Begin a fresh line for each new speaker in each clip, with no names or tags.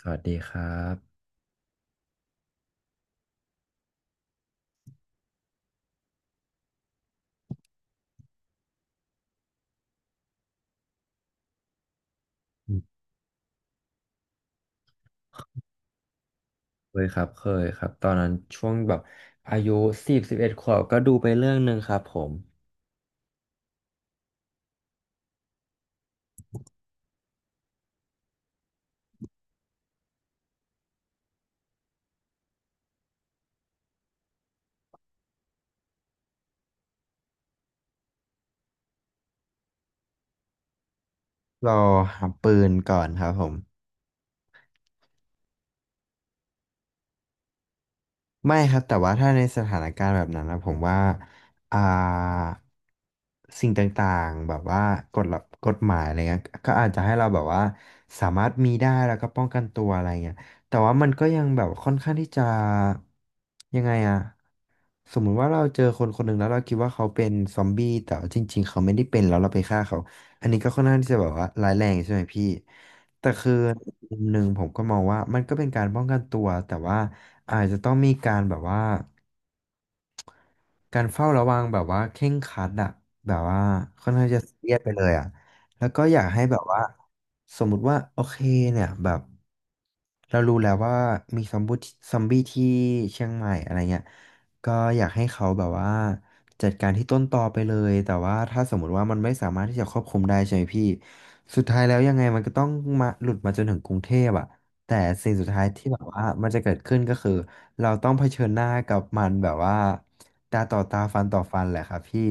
สวัสดีครับอืมเคยครับเคยครับตอนนั้นช่วงแบบอายุสิบเอ็ดขวบก็ดูไปเรื่องหนึ่งครับผมรอหาปืนก่อนครับผม ไม่ครับแต่ว่าถ้าในสถานการณ์แบบนั้นนะผมว่าอ่าสิ่งต่างๆแบบว่ากฎระกฎหมายอะไรเงี้ยก็อาจจะให้เราแบบว่าสามารถมีได้แล้วก็ป้องกันตัวอะไรเงี้ยแต่ว่ามันก็ยังแบบค่อนข้างที่จะยังไงอะสมมุติว่าเราเจอคนคนหนึ่งแล้วเราคิดว่าเขาเป็นซอมบี้แต่ว่าจริงๆเขาไม่ได้เป็นแล้วเราไปฆ่าเขาอันนี้ก็ค่อนข้างที่จะแบบว่าร้ายแรงใช่ไหมพี่แต่คือมุมหนึ่งผมก็มองว่ามันก็เป็นการป้องกันตัวแต่ว่า อาจจะต้องมีการแบบว่าการเฝ้าระวังแบบว่าเคร่งครัดอะแบบว่าค่อนข้างจะซีเรียสไปเลยอะแล้วก็อยากให้แบบว่าสมมุติว่าโอเคเนี่ยแบบเรารู้แล้วว่ามีซอมบี้ที่เชียงใหม่อะไรเงี้ยก็อยากให้เขาแบบว่าจัดการที่ต้นตอไปเลยแต่ว่าถ้าสมมติว่ามันไม่สามารถที่จะควบคุมได้ใช่ไหมพี่สุดท้ายแล้วยังไงมันก็ต้องมาหลุดมาจนถึงกรุงเทพอะแต่สิ่งสุดท้ายที่แบบว่ามันจะเกิดขึ้นก็คือ เราต้องเผชิญหน้ากับมันแบบว่าตาต่อตาฟันต่อฟันแหละครับพี่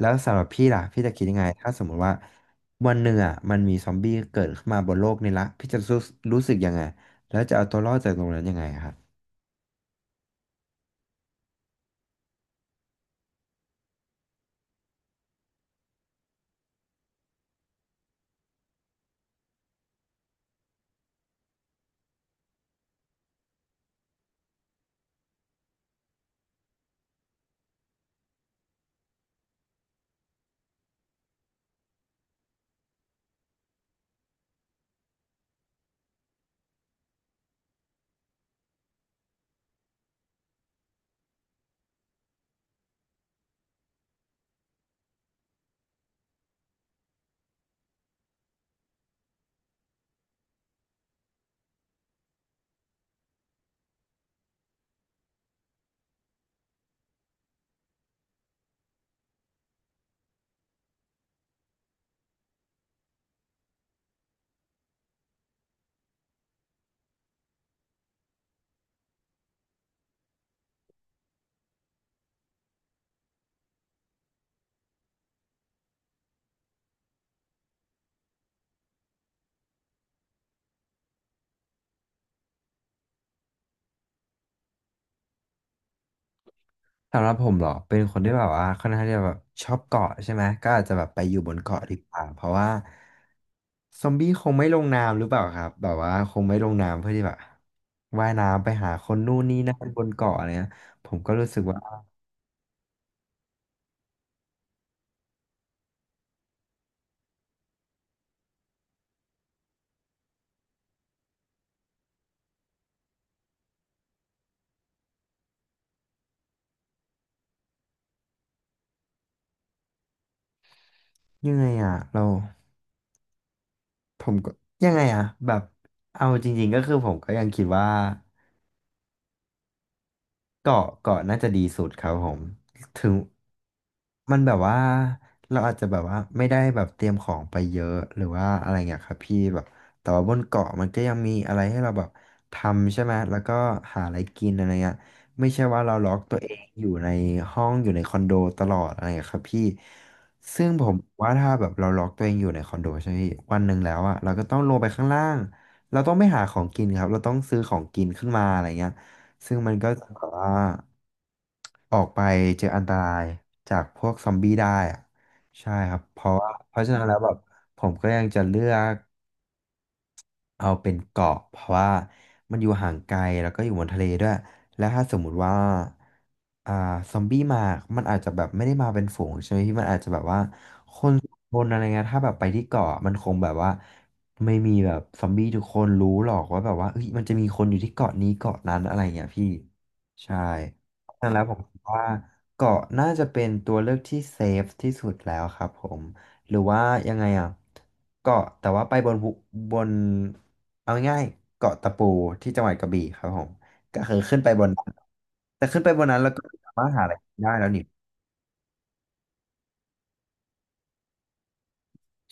แล้วสำหรับพี่ล่ะพี่จะคิดยังไงถ้าสมมติว่าวันหนึ่งอ่ะมันมีซอมบี้เกิดขึ้นมาบนโลกนี้ละพี่จะรู้รู้สึกยังไงแล้วจะเอาตัวรอดจากตรงนั้นยังไงครับสำหรับผมเหรอเป็นคนที่แบบว่าค่อนข้างที่จะแบบชอบเกาะใช่ไหมก็อาจจะแบบไปอยู่บนเกาะดีกว่าเพราะว่าซอมบี้คงไม่ลงน้ำหรือเปล่าครับแบบว่าคงไม่ลงน้ำเพื่อที่แบบว่ายน้ำไปหาคนนู่นนี่นั่นบนเกาะอะไรเงี้ยผมก็รู้สึกว่า ยังไงอ่ะเราผมก็ยังไงอ่ะแบบเอาจริงๆก็คือผมก็ยังคิดว่า เกาะน่าจะดีสุดครับผมถึงมันแบบว่าเราอาจจะแบบว่าไม่ได้แบบเตรียมของไปเยอะหรือว่าอะไรเงี้ยครับพี่แบบแต่ว่าบนเกาะมันก็ยังมีอะไรให้เราแบบทำใช่ไหมแล้วก็หาอะไรกินอะไรเงี้ยไม่ใช่ว่าเราล็อกตัวเองอยู่ในห้องอยู่ในคอนโดตลอดอะไรเงี้ยครับพี่ซึ่งผมว่าถ้าแบบเราล็อกตัวเองอยู่ในคอนโดใช่ไหมพี่วันหนึ่งแล้วอะเราก็ต้องลงไปข้างล่างเราต้องไม่หาของกินครับเราต้องซื้อของกินขึ้นมาอะไรเงี้ย ซึ่งมันก็จะแบบว่าออกไปเจออันตรายจากพวกซอมบี้ได้อะใช่ครับ เพราะว่าเพราะฉะนั้นแล้วแบบผมก็ยังจะเลือก เอาเป็นเกาะเพราะว่ามันอยู่ห่างไกลแล้วก็อยู่บนทะเลด้วยแล้วถ้าสมมุติว่าอ่าซอมบี้มามันอาจจะแบบไม่ได้มาเป็นฝูงใช่ไหมพี่มันอาจจะแบบว่าคนสองคนอะไรเงี้ยถ้าแบบไปที่เกาะมันคงแบบว่าไม่มีแบบซอมบี้ทุกคนรู้หรอกว่าแบบว่าเอ้ยมันจะมีคนอยู่ที่เกาะนี้เกาะนั้นอะไรเงี้ยพี่ใช่ดังนั้นแล้วผมคิดว่าเกาะน่าจะเป็นตัวเลือกที่เซฟที่สุดแล้วครับผม หรือว่ายังไงอ่ะเกาะแต่ว่าไปบนภูบนเอาง่ายๆเกาะตะปูที่จังหวัดกระบี่ครับผมก็คือขึ้นไปบนนั้นแต่ขึ้นไปบนนั้นแล้วก็สามารถหาอะไรกินได้แล้วนี่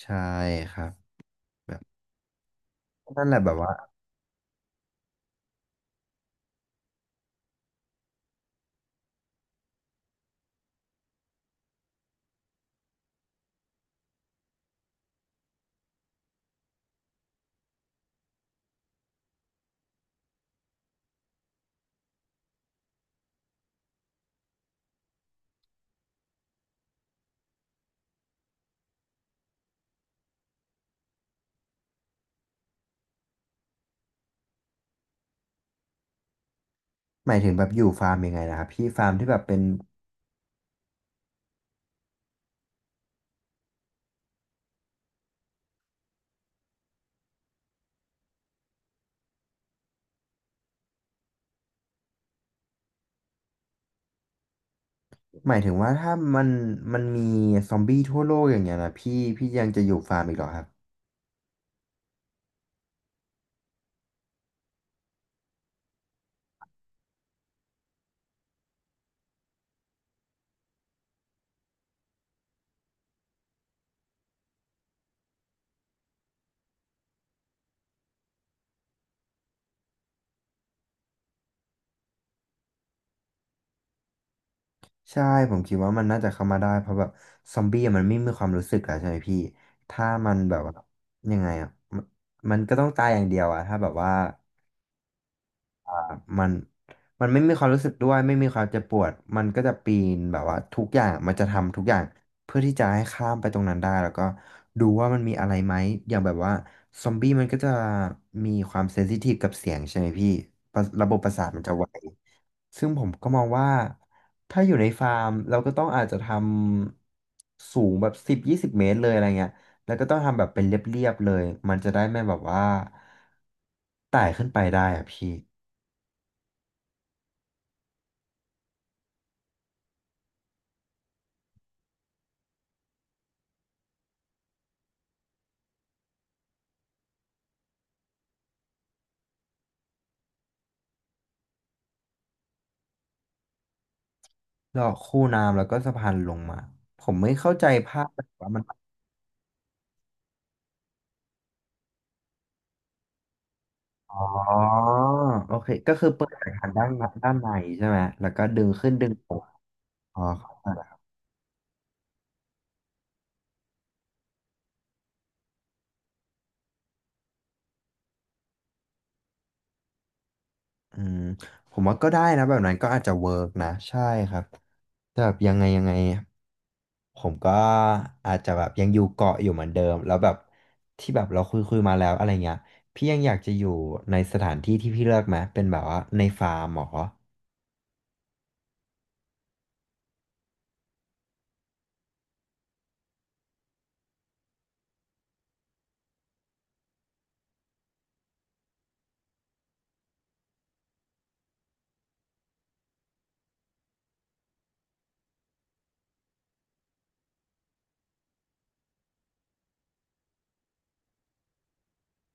ใช่ครับแบบนั่นแหละแบบว่าหมายถึงแบบอยู่ฟาร์มยังไงนะครับพี่ฟาร์มที่แบบเป็นหมายถึงว่าถ้ามันมีซอมบี้ทั่วโลกอย่างเงี้ยนะพี่พี่ยังจะอยู่ฟาร์มอีกเหรอครับ ใช่ผมคิดว่ามันน่าจะเข้ามาได้เพราะแบบซอมบี้อะมันไม่มีความรู้สึกอะใช่ไหมพี่ถ้ามันแบบว่ายังไงอะมันมันก็ต้องตายอย่างเดียวอะถ้าแบบว่า แบบมันไม่มีความรู้สึกด้วยไม่มีความเจ็บปวดมันก็จะปีนแบบว่าทุกอย่างมันจะทำทุกอย่างเพื่อที่จะให้ข้ามไปตรงนั้นได้แล้วก็ดูว่ามันมีอะไรไหมอย่างแบบว่าซอมบี้มันก็จะมีความเซนซิทีฟกับเสียงใช่ไหมพี่ประระบบประสาทมันจะไวซึ่งผมก็มองว่าถ้าอยู่ในฟาร์มเราก็ต้องอาจจะทำสูงแบบสิบยี่สิบเมตรเลยอะไรเงี้ยแล้วก็ต้องทำแบบเป็นเรียบๆเลยมันจะได้ไม่แบบว่าไต่ขึ้นไปได้อะพี่ เจาะคูน้ำแล้วก็สะพานลงมาผมไม่เข้าใจภาพแบบว่ามันอ๋อโอเคก็คือเปิดสายพานด้านในใช่ไหมแล้วก็ดึงขึ้นดึงลงอ๋อเข้าใจละอืมผมว่าก็ได้นะแบบนั้นก็อาจจะเวิร์กนะใช่ครับแต่แบบยังไงผมก็อาจจะแบบยังอยู่เกาะอยู่เหมือนเดิมแล้วแบบที่แบบเราคุยมาแล้วอะไรเงี้ยพี่ยังอยากจะอยู่ในสถานที่ที่พี่เลือกไหมเป็นแบบว่าในฟาร์มเหรอ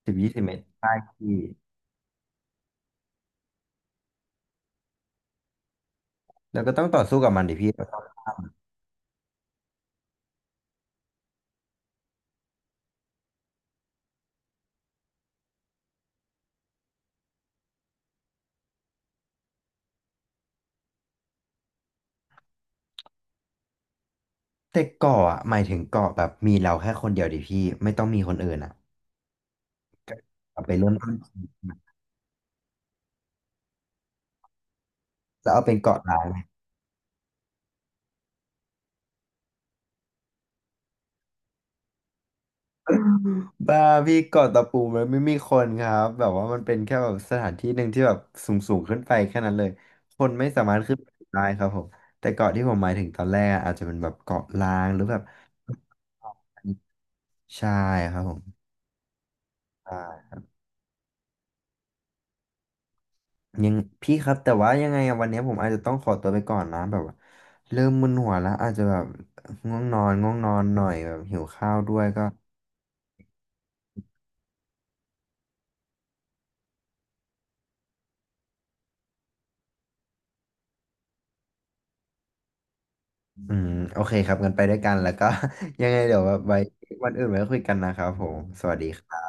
สิบยี่สิบเมตรใต้ที่ แล้วก็ต้องต่อสู้กับมันดิพี่แต่เกาะอ่ะหมายถึงเกาะแบบมีเราแค่คนเดียวดิพี่ไม่ต้องมีคนอื่นอ่ะเอาไปเริ่มต้นี่แล้วเอาเป็นเกาะล้างบ้าพี่เกาะตะปูมันไม่มีคนครับแบบว่ามันเป็นแค่แบบสถานที่หนึ่งที่แบบสูงขึ้นไปแค่นั้นเลยคนไม่สามารถขึ้นไปได้ครับผมแต่เกาะที่ผมหมายถึงตอนแรกอะอาจจะเป็นแบบเกาะล้างหรือแบบใช่ครับผม ยังพี่ครับแต่ว่ายังไงอะวันนี้ผมอาจจะต้องขอตัวไปก่อนนะแบบว่าเริ่มมึนหัวแล้วอาจจะแบบง่วงนอนหน่อยแบบหิวข้าวด้วยก็อืมโอเคครับกันไปด้วยกันแล้วก็ ยังไงเดี๋ยวแบบไว้วันอื่นไว้คุยกันนะครับผมสวัสดีครับ